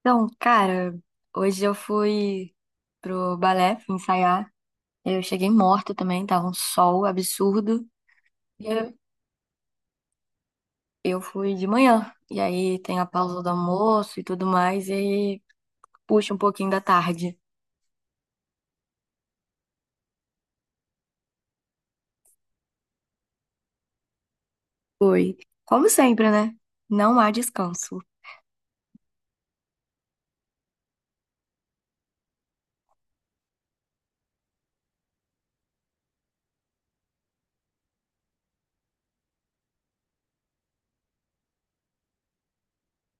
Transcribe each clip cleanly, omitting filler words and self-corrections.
Então, cara, hoje eu fui pro balé fui ensaiar. Eu cheguei morta também, tava um sol absurdo. E eu fui de manhã. E aí tem a pausa do almoço e tudo mais, e aí puxa um pouquinho da tarde. Foi. Como sempre, né? Não há descanso.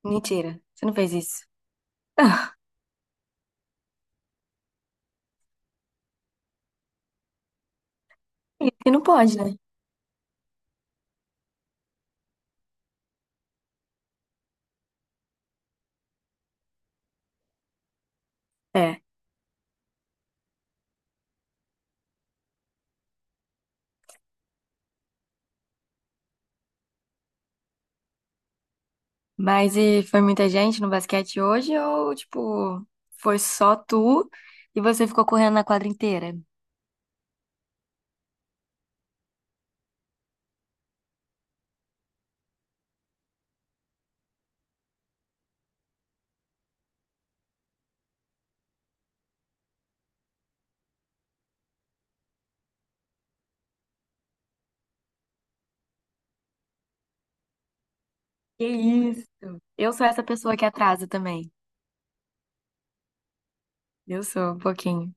Mentira, você não fez isso. Isso não pode, né? É. Mas e foi muita gente no basquete hoje ou, tipo, foi só tu e você ficou correndo na quadra inteira? Que isso? Eu sou essa pessoa que atrasa também. Eu sou um pouquinho.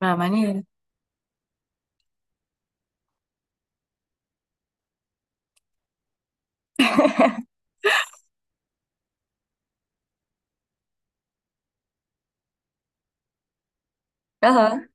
Ah, maneiro. Aham.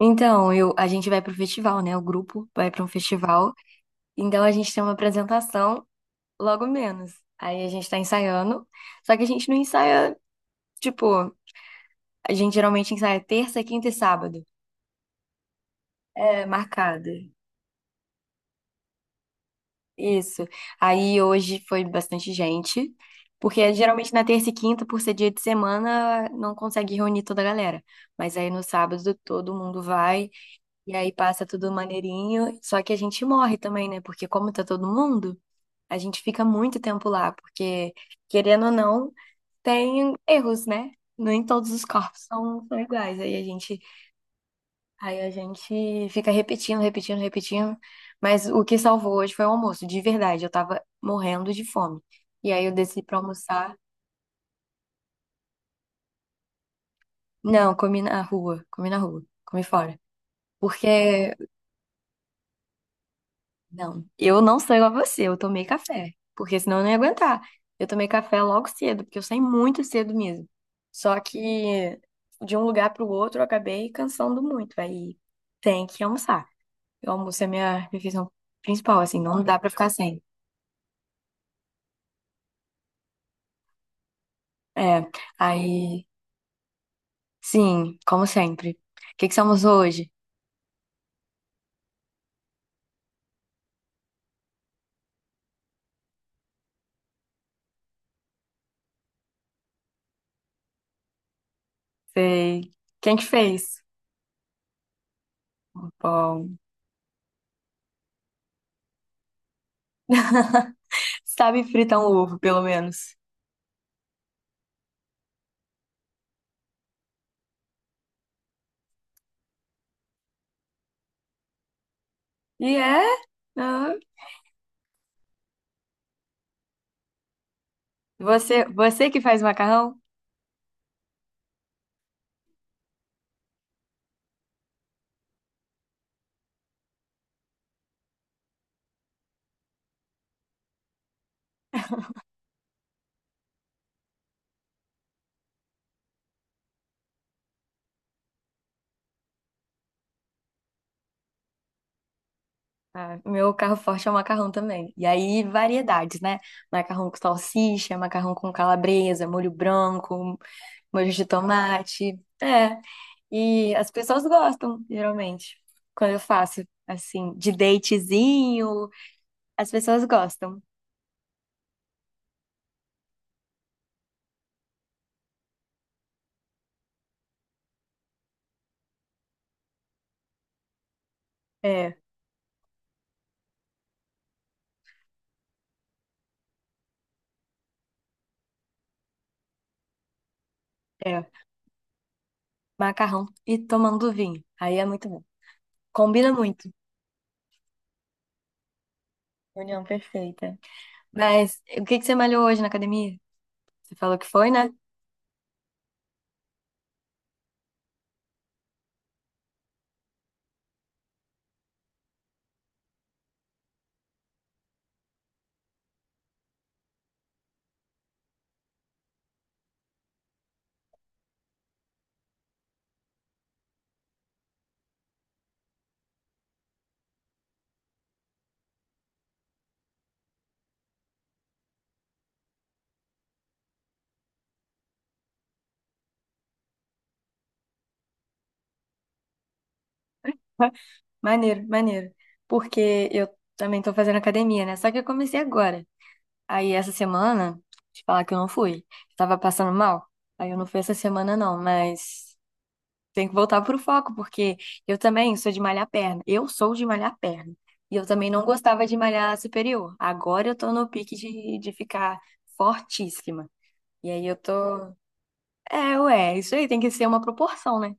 Então, eu, a gente vai pro festival, né? O grupo vai pra um festival. Então, a gente tem uma apresentação logo menos. Aí, a gente tá ensaiando. Só que a gente não ensaia, tipo, a gente geralmente ensaia terça, quinta e sábado. É, marcado. Isso. Aí hoje foi bastante gente, porque geralmente na terça e quinta, por ser dia de semana, não consegue reunir toda a galera. Mas aí no sábado todo mundo vai e aí passa tudo maneirinho. Só que a gente morre também, né? Porque como tá todo mundo, a gente fica muito tempo lá, porque querendo ou não, tem erros, né? Nem todos os corpos são, são iguais. Aí a gente fica repetindo, repetindo, repetindo. Mas o que salvou hoje foi o almoço, de verdade. Eu tava morrendo de fome. E aí eu desci pra almoçar. Não, comi na rua, comi na rua, comi fora. Porque, não, eu não sou igual a você, eu tomei café. Porque senão eu não ia aguentar. Eu tomei café logo cedo, porque eu saí muito cedo mesmo. Só que de um lugar pro outro eu acabei cansando muito. Aí tem que almoçar. O almoço é minha refeição principal, assim, não dá pra ficar sem. É, aí, sim, como sempre. O que que somos hoje? Sei. Quem que fez? Bom, sabe fritar um ovo, pelo menos. E é? Ah, você, que faz macarrão? Ah, meu carro forte é o macarrão também. E aí, variedades, né? Macarrão com salsicha, macarrão com calabresa, molho branco, molho de tomate. É. E as pessoas gostam, geralmente, quando eu faço. Assim, de datezinho, as pessoas gostam. É, é. Macarrão e tomando vinho. Aí é muito bom. Combina muito. União perfeita. Mas o que que você malhou hoje na academia? Você falou que foi, né? Maneiro, maneiro. Porque eu também tô fazendo academia, né? Só que eu comecei agora. Aí essa semana, te falar que eu não fui. Eu tava passando mal. Aí eu não fui essa semana, não, mas. Tem que voltar pro foco, porque eu também sou de malhar perna. Eu sou de malhar perna. E eu também não gostava de malhar superior. Agora eu tô no pique de ficar fortíssima. E aí eu tô. É, ué, isso aí tem que ser uma proporção, né?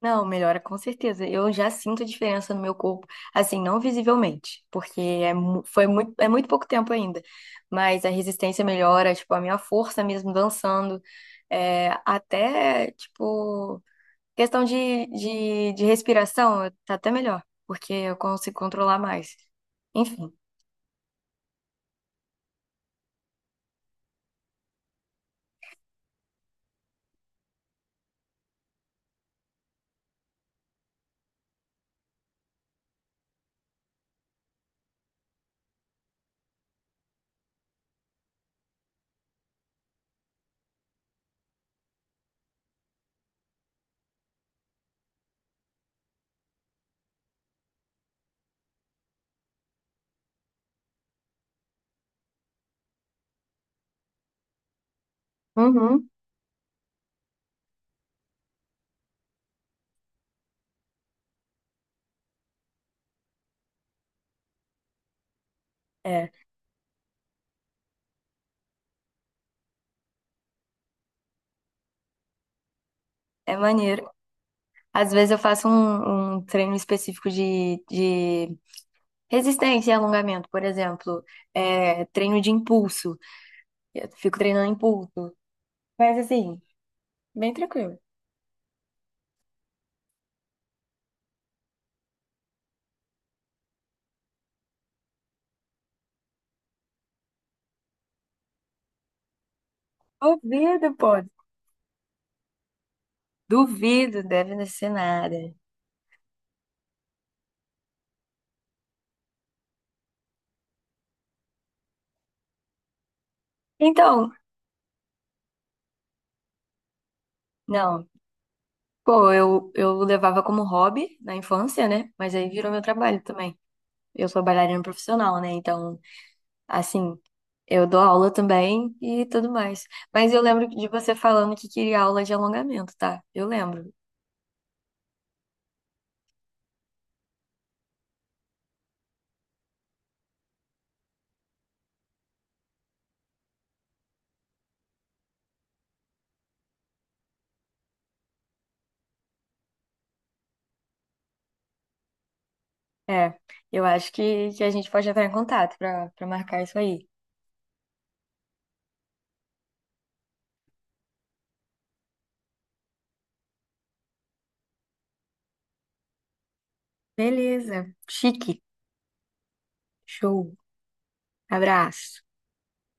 Não, melhora com certeza. Eu já sinto a diferença no meu corpo, assim, não visivelmente, porque é, foi muito, é muito pouco tempo ainda. Mas a resistência melhora, tipo, a minha força mesmo dançando. É, até, tipo. Questão de respiração, tá até melhor, porque eu consigo controlar mais. Enfim, uhum, é, é maneiro. Às vezes eu faço um, um treino específico de resistência e alongamento, por exemplo, é, treino de impulso. Eu fico treinando impulso. Mas assim, bem tranquilo. Duvido, pô. Duvido, deve ser nada. Então, não. Pô, eu levava como hobby na infância, né? Mas aí virou meu trabalho também. Eu sou bailarina profissional, né? Então, assim, eu dou aula também e tudo mais. Mas eu lembro de você falando que queria aula de alongamento, tá? Eu lembro. É, eu acho que a gente pode entrar em contato pra para marcar isso aí. Beleza. Chique. Show. Abraço.